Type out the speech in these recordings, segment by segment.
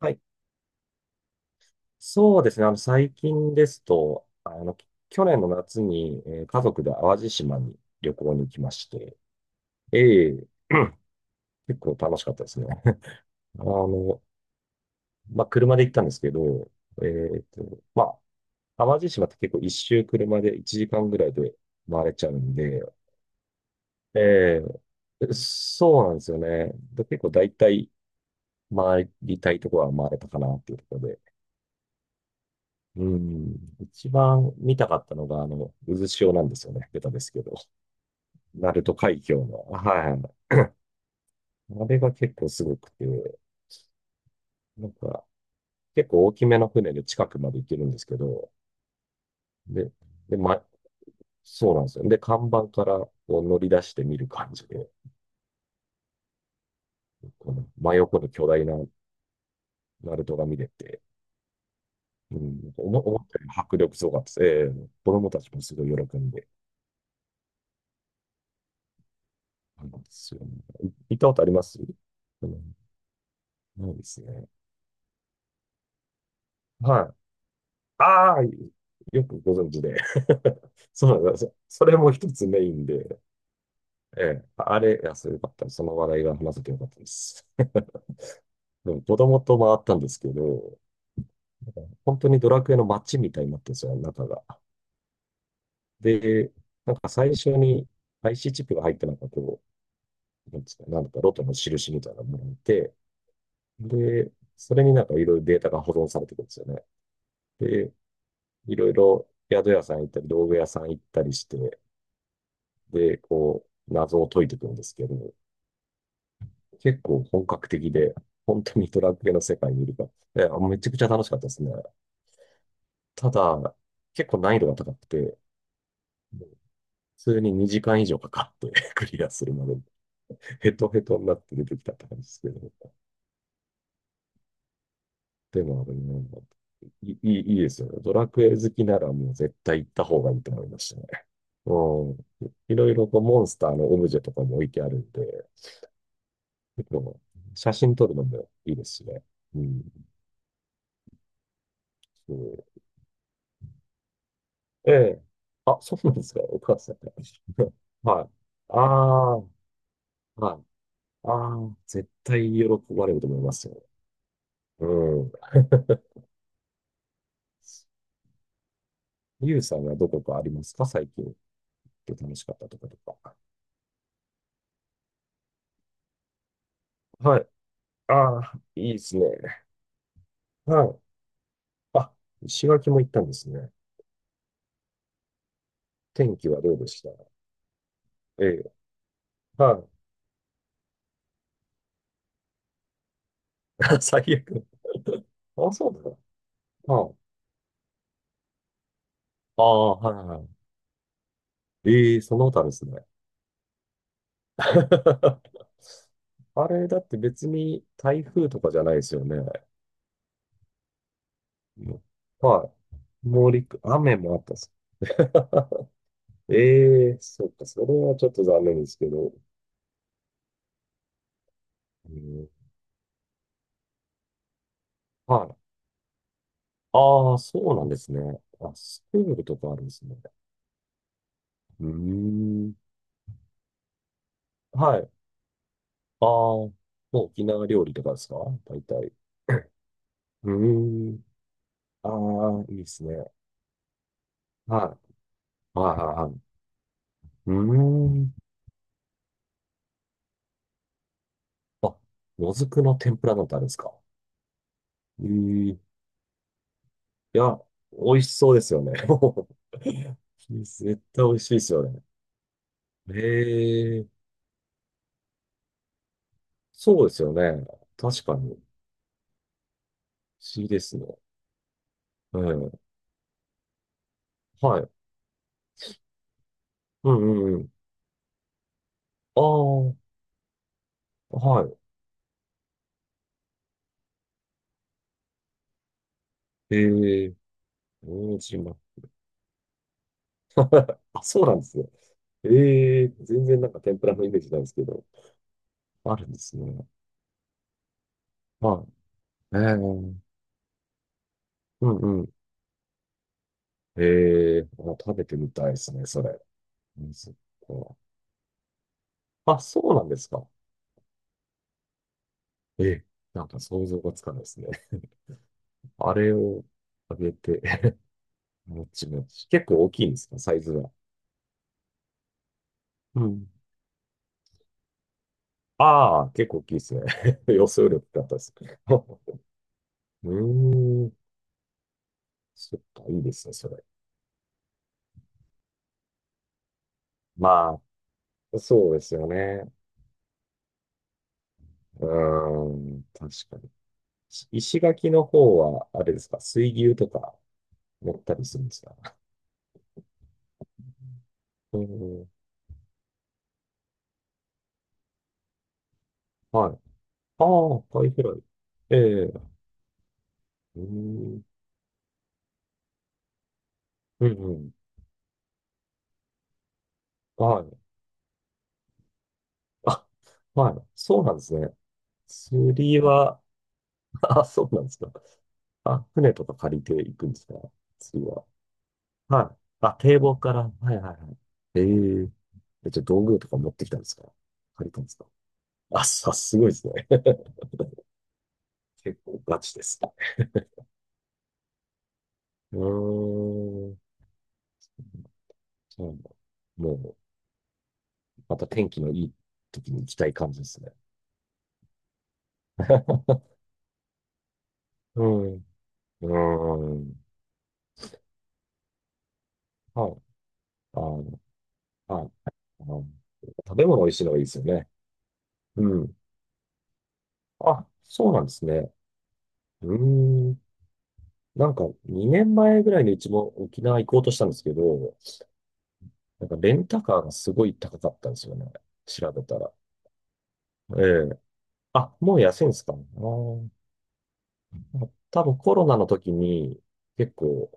はい。そうですね。最近ですと、去年の夏に、家族で淡路島に旅行に行きまして、ええ。 結構楽しかったですね。あの、まあ、車で行ったんですけど、まあ、淡路島って結構一周車で1時間ぐらいで回れちゃうんで、ええ、そうなんですよね。で、結構大体回りたいところは回れたかなっていうところ。うん。一番見たかったのが、渦潮なんですよね。ベタですけど。鳴門海峡の。はい。あれが結構すごくて、なんか、結構大きめの船で近くまで行けるんですけど、で、で、ま、そうなんですよ。で、看板からこう乗り出して見る感じで、この真横の巨大な鳴門が見れて、うん、思ったより迫力すごかったです。ええ、子供たちもすごい喜んで、なんですよね。行ったことあります？うん。ないですね。はい。ああ、よくご存知で。そうなんですよ。それも一つメインで、ええ、あれ、いや、そうよかった。その話題が話せてよかったです。でも子供と回ったんですけど、なんか本当にドラクエの街みたいになってるんですよ、中が。で、なんか最初に IC チップが入ってなんかこう、なんですか、なんだかロトの印みたいなものがいて、で、それになんかいろいろデータが保存されてくるんですよね。で、いろいろ宿屋さん行ったり、道具屋さん行ったりして、で、こう、謎を解いていくんですけど、結構本格的で、本当にドラクエの世界にいるから、いや、めちゃくちゃ楽しかったですね。ただ、結構難易度が高くて、普通に2時間以上かかって クリアするまでに、ヘトヘトになって出てきたって感じですけど。でも、あれね、いい、いいですよね。ドラクエ好きならもう絶対行った方がいいと思いましたね。うん。いろいろこうモンスターのオブジェとかも置いてあるんで、結構写真撮るのもいいですしね。うん。そう、ええ。あ、そうなんですか。お母さん。はい。ああ、はい。ああ、絶対喜ばれると思いますよ。うん。ゆうさんはどこかありますか最近？楽しかったとことか。はい。ああ、いいですね。はい。あ、石垣も行ったんですね。天気はどうでした？ええ。はい。最悪。あ、そうだ。はい。ああ、はいはい。ええ、その他ですね。あれ、だって別に台風とかじゃないですよね。よはい。雨もあったんです？ええ、そっか、それはちょっと残念ですけど。うん、はい。ああ、そうなんですね。あ、スペーンとかあるんですね。うーん。はい。ああ、もう沖縄料理とかですか、大体？うーん。ああ、いいですね。はい。はいはいはい。うーん。あ、もずくの天ぷらなんてあるんですか？ええ、いや、美味しそうですよね。もう絶対美味しいですよね。へえ、そうですよね。確かに。不思議ですね。うん。はい。うんうんうん。ああ、はい。ええ、大島。あ、そうなんですね。ええ、全然なんか天ぷらのイメージなんですけど。あるんですね。はい。ええ、うんうん。ええ、あ、食べてみたいですね、それ。うん、そっか。あ、そうなんですか。ええ、なんか想像がつかないですね。あれをあげて、もちもち。結構大きいんですか、サイズは？うん。ああ、結構大きいですね。予想力だったですね。うーん。そっか、いいですね、それ。まあ、そうですよね。うーん、確かに。石垣の方は、あれですか、水牛とか乗ったりするんですか？ うーん、はい。ああ、貝拾い。ええ、うーん、うん、うん。はい。あ、はい。そうなんですね。釣りは、あ、そうなんですか。あ、船とか借りていくんですか次は？はい。あ、堤防から。はいはいはい。えええ、じゃあ道具とか持ってきたんですか？借りたんですか？あ、さ、すごいですね。結構ガチですね。うーん。そうなんだ。もう、また天気のいい時に行きたい感じですね。うん。うーん。はい。あの、はい。あの、食べ物美味しいのがいいですよね。うん。あ、そうなんですね。うーん。なんか2年前ぐらいにうちも沖縄行こうとしたんですけど、なんかレンタカーがすごい高かったんですよね。調べたら。ええ、あ、もう安いんですかね。あー、多分コロナの時に結構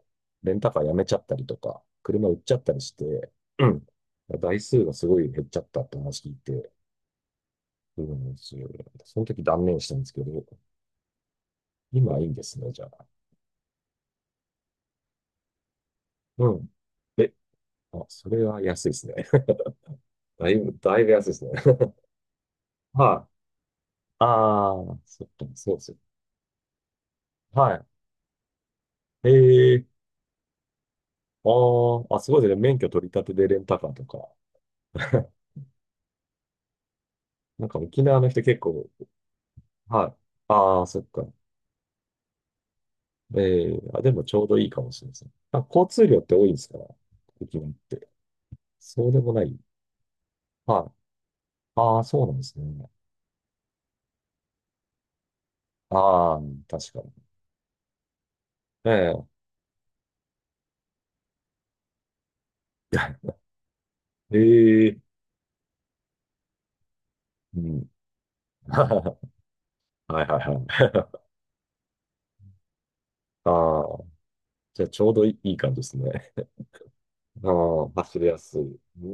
レンタカーやめちゃったりとか、車売っちゃったりして、うん。台数がすごい減っちゃったって話聞いて、うん、その時断念したんですけど、今はいいんですね、じゃあ。うん。え、あ、それは安いですね。だいぶ、だいぶ安いですね。はい。ああ、そっか、そうですよ。はい。ええ、ああ、あ、すごいですね。免許取り立てでレンタカーとか。なんか沖縄の人結構、はい。ああ、そっか。ええ、あ、でもちょうどいいかもしれません。あ、交通量って多いんですから、沖縄って。そうでもない？はい。ああ、そうなんですね。ああ、確かに。ええええ、うん。はいはいはい。ああ、じゃあちょうどいい、いい感じですね。ああ、走りやすい。うー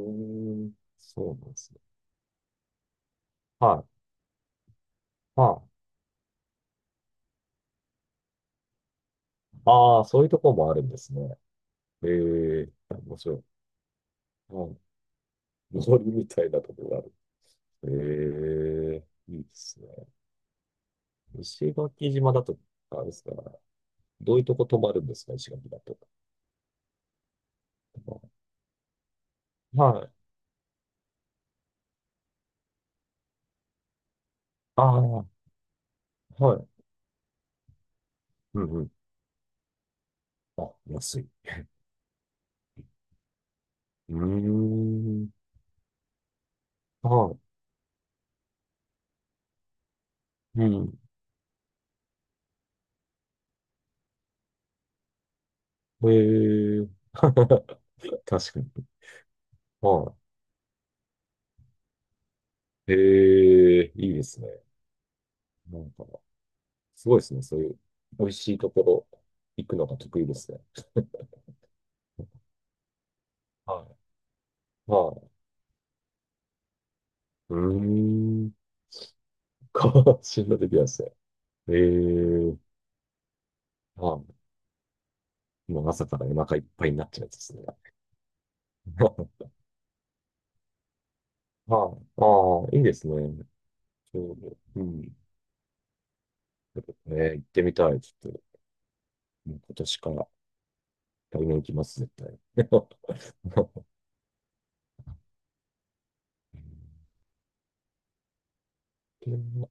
ん、そうなんですね、はい。はい。ああ、そういうところもあるんですね。ええ、面白い。うん。森みたいなところがある。ええ、いいですね。石垣島だと、あれですか、どういうとこ泊まるんですか、石垣だと？はい。ああ、はい。うんうん。あ、安い。うーん。はい。うん。ええ、確かに。はい。ええ、いいですね。なんか、すごいですね。そういう、美味しいところ、行くのが得意ですね。はい。はい。うーん。か、死んだ時はですね。ええ、はい。もう朝からお腹いっぱいになっちゃうやつですね。はい。ああ、いいですね。ちょうど。うん。行ってみたい。ちょっと、もう今年から、来年行きます、絶対。うん